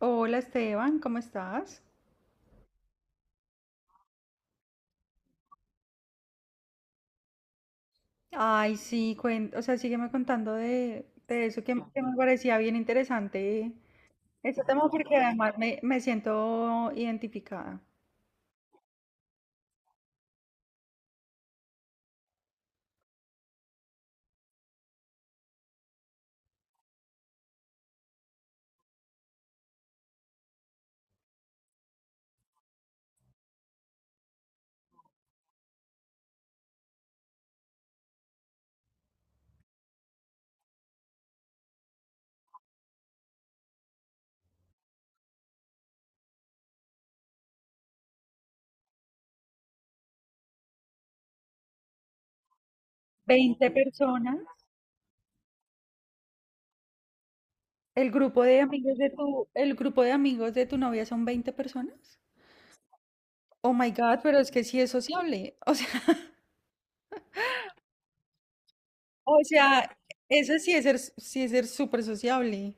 Hola Esteban, ¿cómo estás? Ay, sí, sígueme contando de eso que me parecía bien interesante ese tema porque además me siento identificada. 20 personas, el grupo de amigos de tu novia son 20 personas. Oh my God, pero es que sí es sociable. O sea, o sea, eso sí es ser súper sociable.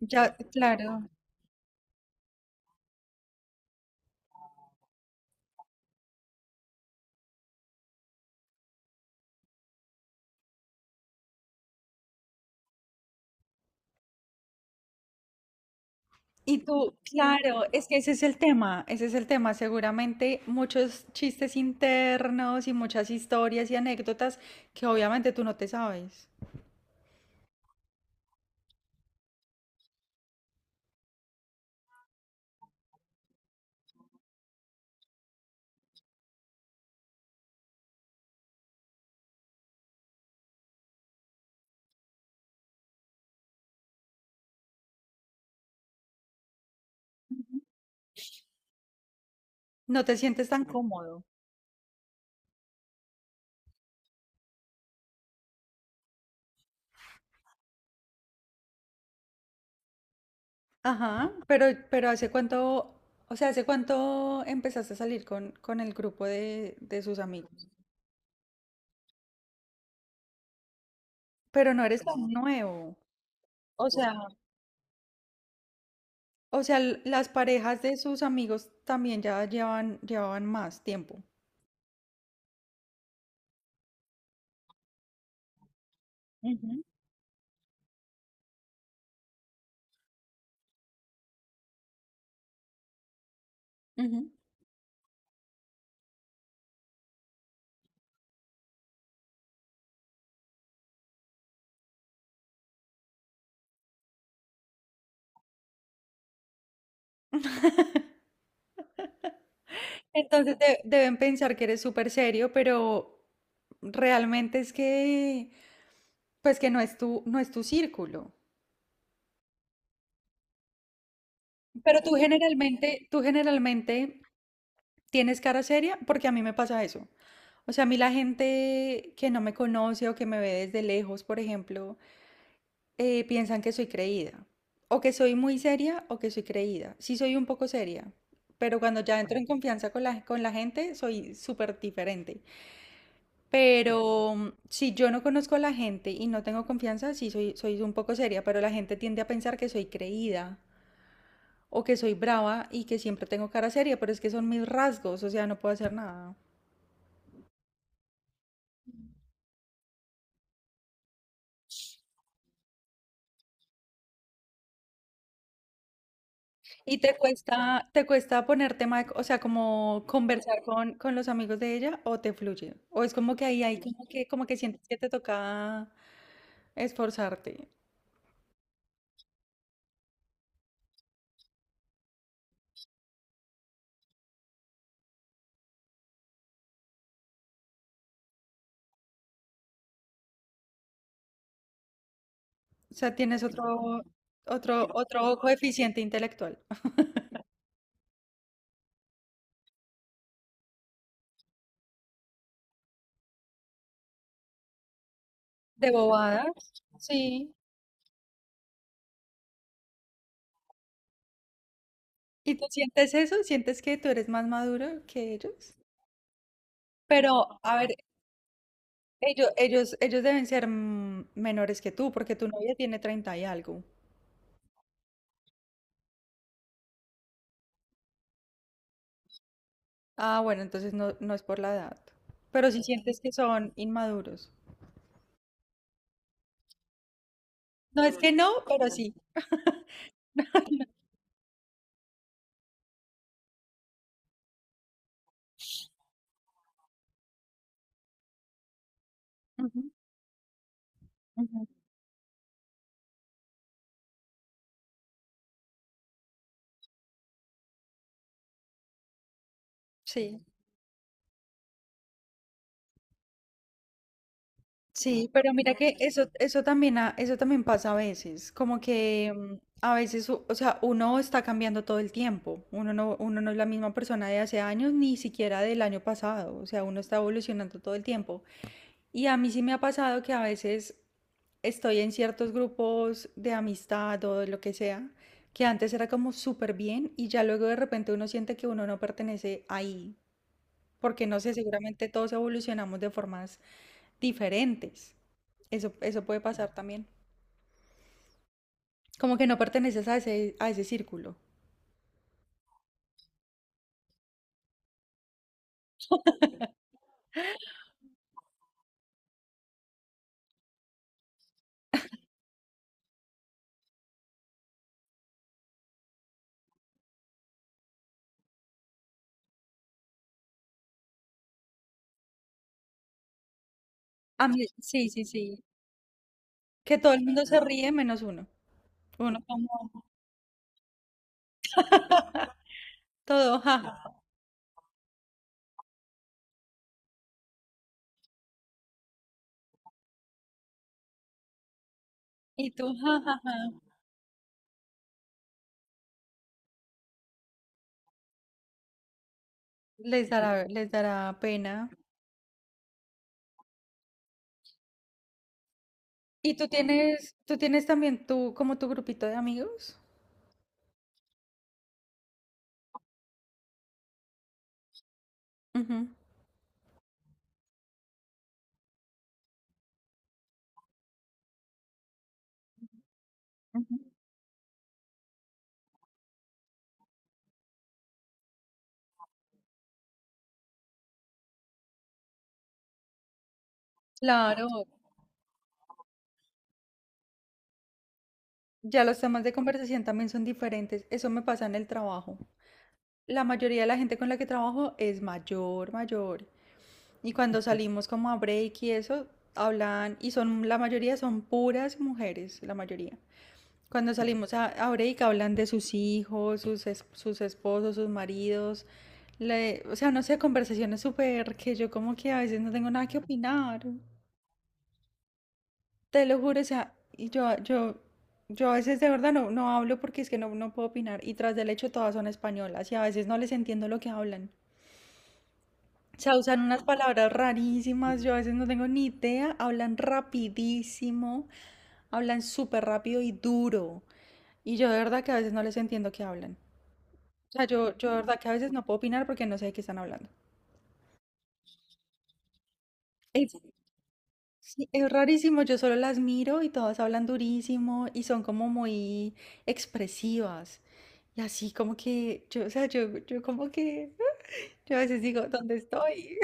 Ya, claro. Y tú, claro, es que ese es el tema, ese es el tema. Seguramente muchos chistes internos y muchas historias y anécdotas que obviamente tú no te sabes. No te sientes tan cómodo. Ajá, pero hace cuánto empezaste a salir con el grupo de sus amigos? Pero no eres tan nuevo. O sea, o sea, las parejas de sus amigos también ya llevaban más tiempo. Ujú, ujú. Entonces deben pensar que eres súper serio, pero realmente pues que no es tu círculo. Pero tú generalmente tienes cara seria porque a mí me pasa eso. O sea, a mí la gente que no me conoce o que me ve desde lejos, por ejemplo, piensan que soy creída. O que soy muy seria o que soy creída. Sí soy un poco seria, pero cuando ya entro en confianza con la gente, soy súper diferente. Pero si yo no conozco a la gente y no tengo confianza, sí soy un poco seria, pero la gente tiende a pensar que soy creída o que soy brava y que siempre tengo cara seria, pero es que son mis rasgos, o sea, no puedo hacer nada. ¿Y te cuesta poner tema, o sea, como conversar con los amigos de ella o te fluye? O es como que ahí hay como que sientes que te toca esforzarte. O sea, tienes otro coeficiente intelectual. ¿De bobadas? Sí. ¿Y tú sientes eso? ¿Sientes que tú eres más maduro que ellos? Pero, a ver, ellos deben ser menores que tú, porque tu novia tiene 30 y algo. Ah, bueno, entonces no es por la edad. Pero si sientes que son inmaduros. No es que no, pero sí. Ujú, ujú, sí. Sí, pero mira que eso también pasa a veces, como que a veces, o sea, uno está cambiando todo el tiempo, uno no es la misma persona de hace años, ni siquiera del año pasado, o sea, uno está evolucionando todo el tiempo. Y a mí sí me ha pasado que a veces estoy en ciertos grupos de amistad o de lo que sea, que antes era como súper bien y ya luego de repente uno siente que uno no pertenece ahí, porque no sé, seguramente todos evolucionamos de formas diferentes. Eso puede pasar también. Como que no perteneces a ese círculo. A mí, sí, sí, sí. Que todo el mundo se ríe menos uno. Uno como todo, jaja. Y tú, jajaja. Les dará pena. Y tú tienes también tú, como tu grupito de amigos. Ujú. Ujú. Claro, ya los temas de conversación también son diferentes. Eso me pasa en el trabajo. La mayoría de la gente con la que trabajo es mayor, mayor. Y cuando salimos como a break y eso, hablan, y son, la mayoría son puras mujeres, la mayoría. Cuando salimos a break hablan de sus hijos, sus esposos, sus maridos. O sea, no sé, conversaciones súper que yo como que a veces no tengo nada que opinar. Te lo juro, o sea, y yo a veces de verdad no hablo porque es que no puedo opinar. Y tras del hecho todas son españolas y a veces no les entiendo lo que hablan. O sea, usan unas palabras rarísimas, yo a veces no tengo ni idea, hablan rapidísimo, hablan súper rápido y duro, y yo de verdad que a veces no les entiendo qué hablan. O sea, yo de verdad que a veces no puedo opinar porque no sé de qué están hablando. Es, sí, es rarísimo, yo solo las miro y todas hablan durísimo y son como muy expresivas. Y así como que, yo, o sea, yo como que, yo a veces digo, ¿dónde estoy?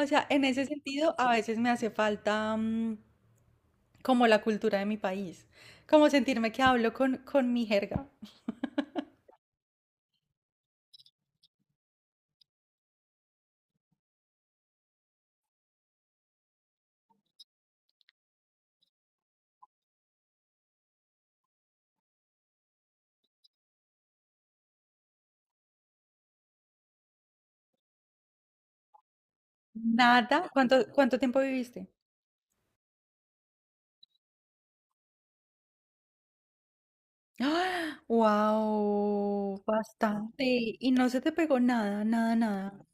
O sea, en ese sentido, a veces me hace falta como la cultura de mi país, como sentirme que hablo con mi jerga. Nada. ¿Cuánto tiempo viviste? Wow, bastante. Y no se te pegó nada, nada, nada.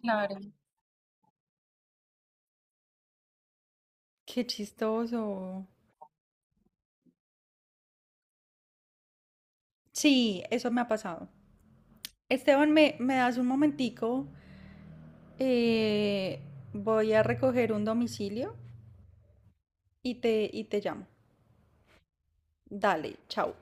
Claro. Qué chistoso. Sí, eso me ha pasado. Esteban, ¿me das un momentico? Eh, Voy a recoger un domicilio y te llamo. Dale, chao.